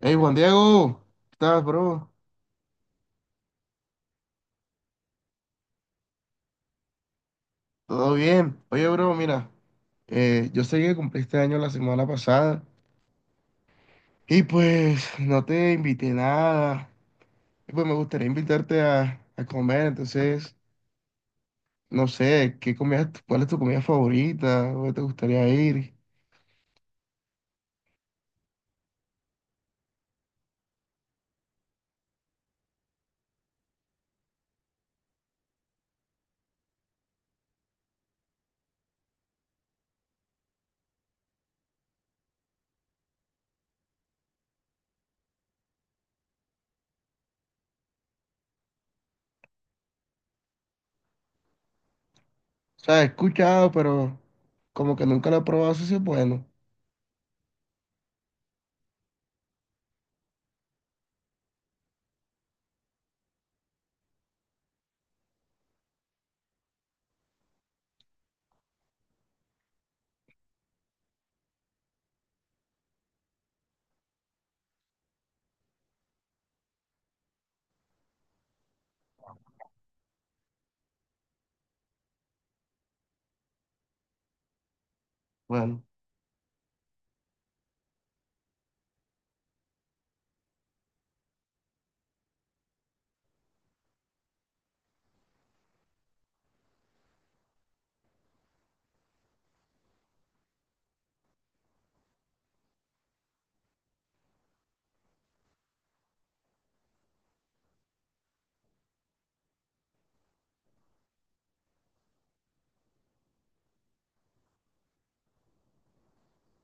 Hey Juan Diego, ¿qué tal, bro? ¿Todo bien? Oye, bro, mira, yo sé que cumpliste año la semana pasada y pues no te invité nada. Y pues me gustaría invitarte a comer. Entonces, no sé, ¿qué comida, cuál es tu comida favorita? ¿Dónde te gustaría ir? O sea, he escuchado, pero como que nunca lo he probado, eso sí es bueno. Bueno,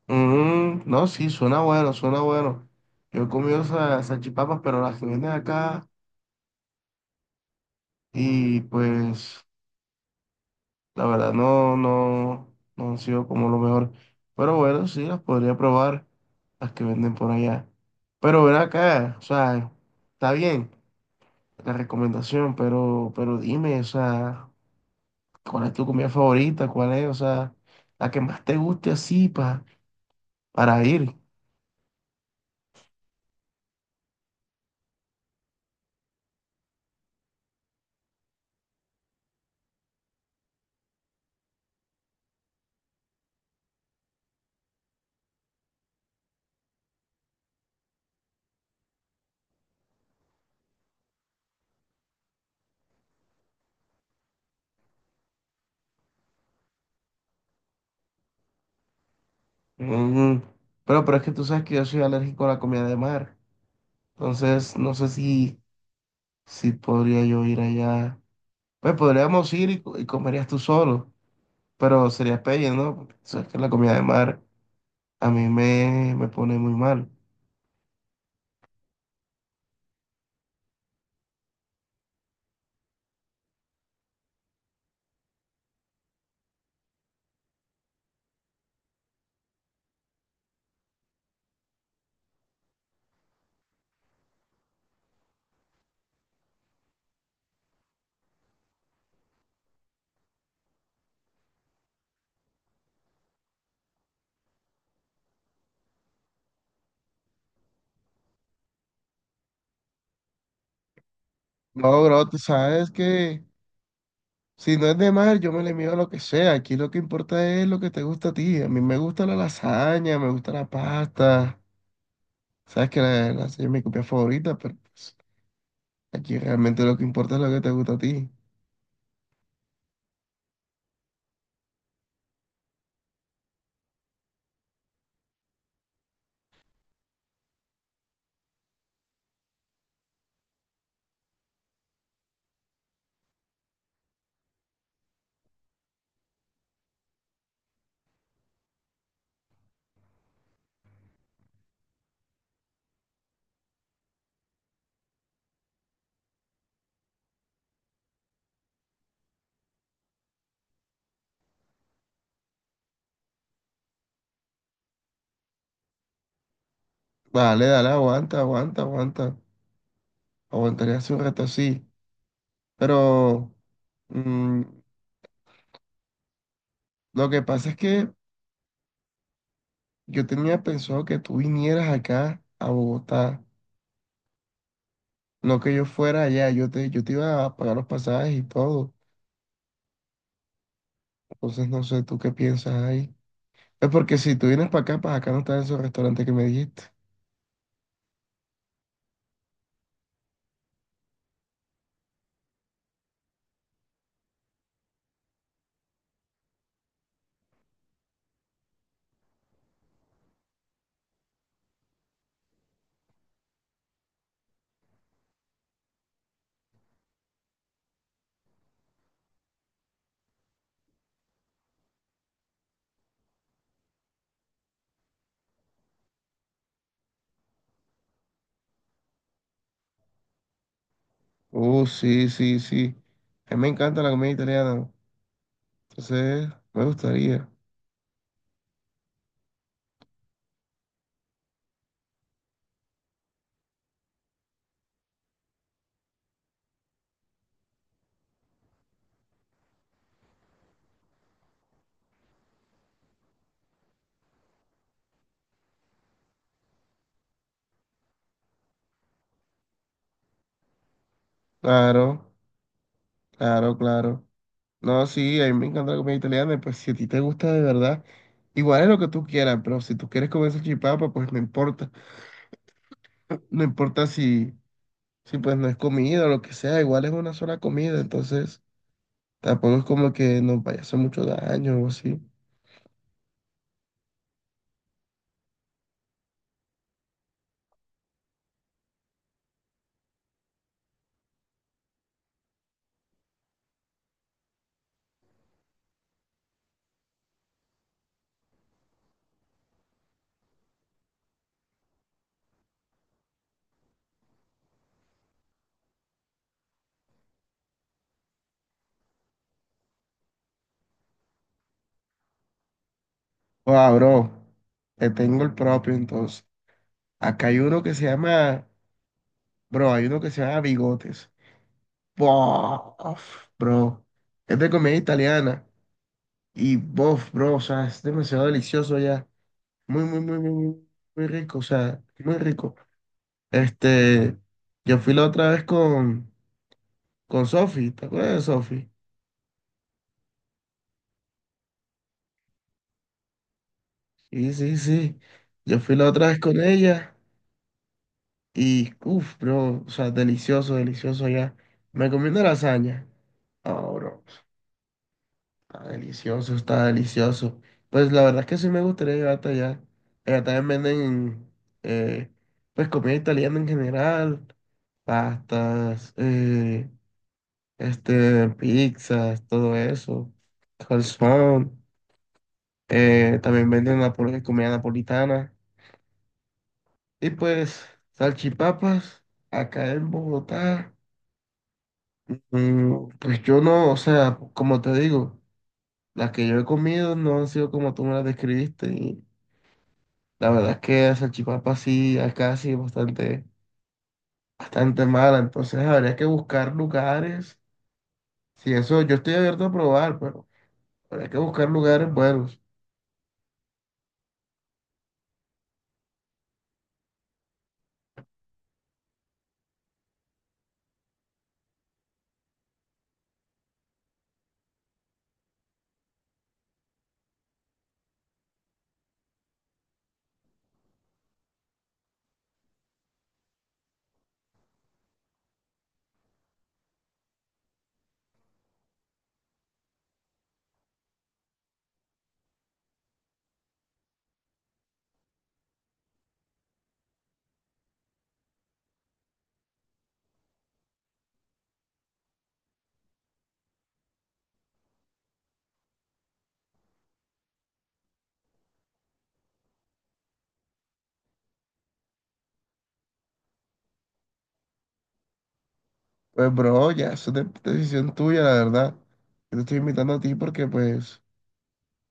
no, sí, suena bueno, suena bueno. Yo he comido salchipapas, pero las que venden acá y pues, la verdad, no han sido como lo mejor. Pero bueno, sí, las podría probar, las que venden por allá. Pero ven acá, o sea, está bien la recomendación, pero dime, o sea, ¿cuál es tu comida favorita? ¿Cuál es, o sea, la que más te guste así para ir? Mm, pero es que tú sabes que yo soy alérgico a la comida de mar. Entonces, no sé si, si podría yo ir allá. Pues podríamos ir y, y comerías tú solo, pero sería pelle, ¿no? Porque tú sabes que la comida de mar a me pone muy mal. No, bro, tú sabes que si no es de mar, yo me le mido a lo que sea. Aquí lo que importa es lo que te gusta a ti. A mí me gusta la lasaña, me gusta la pasta. Sabes que la lasaña es mi comida favorita, pero pues, aquí realmente lo que importa es lo que te gusta a ti. Dale, dale, aguanta, aguanta, aguanta. Aguantaría hace un rato así. Pero mm, lo que pasa es que yo tenía pensado que tú vinieras acá a Bogotá, no que yo fuera allá. Yo te iba a pagar los pasajes y todo. Entonces no sé tú qué piensas ahí. Es porque si tú vienes para acá no está en esos restaurantes que me dijiste. Oh, sí, sí, sí. A mí me encanta la comida italiana. Entonces, me gustaría. Claro, claro, claro. No, sí, a mí me encanta la comida italiana. Y pues si a ti te gusta de verdad, igual es lo que tú quieras, pero si tú quieres comer salchipapa, pues no importa. No importa si sí, pues no es comida o lo que sea, igual es una sola comida, entonces tampoco es como que nos vaya a hacer mucho daño o así. Ah, bro, te tengo el propio entonces. Acá hay uno que se llama, bro, hay uno que se llama Bigotes. Bof, bro, es de comida italiana y bof, bro, o sea, es demasiado delicioso ya. Muy, muy, muy, muy, muy, muy rico, o sea, muy rico. Este, yo fui la otra vez con Sofi, ¿te acuerdas de Sofi? Sí, sí, sí. Yo fui la otra vez con ella y uff, bro, o sea, delicioso, delicioso allá. Me comí una lasaña. Ah, bro, está delicioso, está delicioso. Pues la verdad es que sí me gustaría llegar hasta allá. Allá también venden, eh, pues, comida italiana en general, pastas, este, pizzas, todo eso, calzón. También venden comida napolitana. Y pues, salchipapas, acá en Bogotá, pues yo no, o sea, como te digo, las que yo he comido no han sido como tú me las describiste. Y la verdad es que la salchipapa sí, acá sí es bastante, bastante mala. Entonces habría que buscar lugares. Si eso, yo estoy abierto a probar, pero habría que buscar lugares buenos. Pues bro, ya, eso es decisión tuya, la verdad. Yo te estoy invitando a ti porque pues,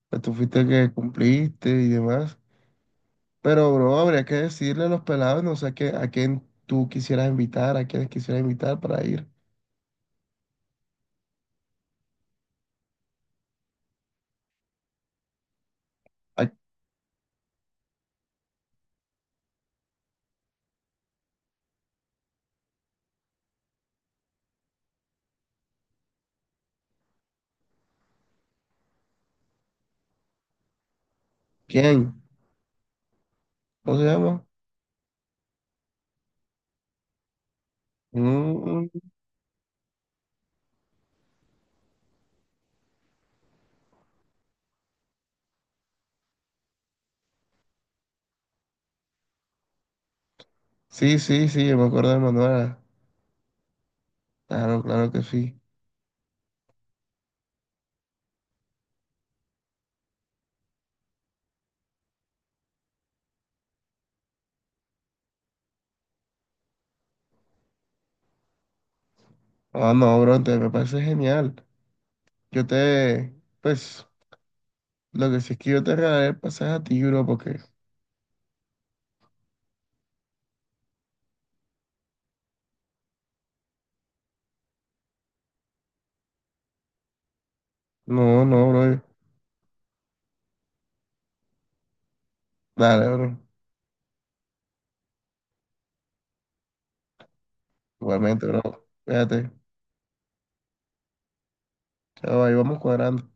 pues tú fuiste el que cumpliste y demás. Pero, bro, habría que decirle a los pelados, no sé a a quién tú quisieras invitar, a quiénes quisieras invitar para ir. ¿A quién? ¿Cómo se llama? Mm, sí, sí, sí, yo me acuerdo de Manuela. Claro, claro que sí. Ah, no, bro, te me parece genial. Yo te, pues, lo que sí es que yo te regalaré el pasaje a ti, bro, porque... No, no, bro. Dale, bro. Igualmente, bro. Fíjate. Chao, ahí vamos cuadrando.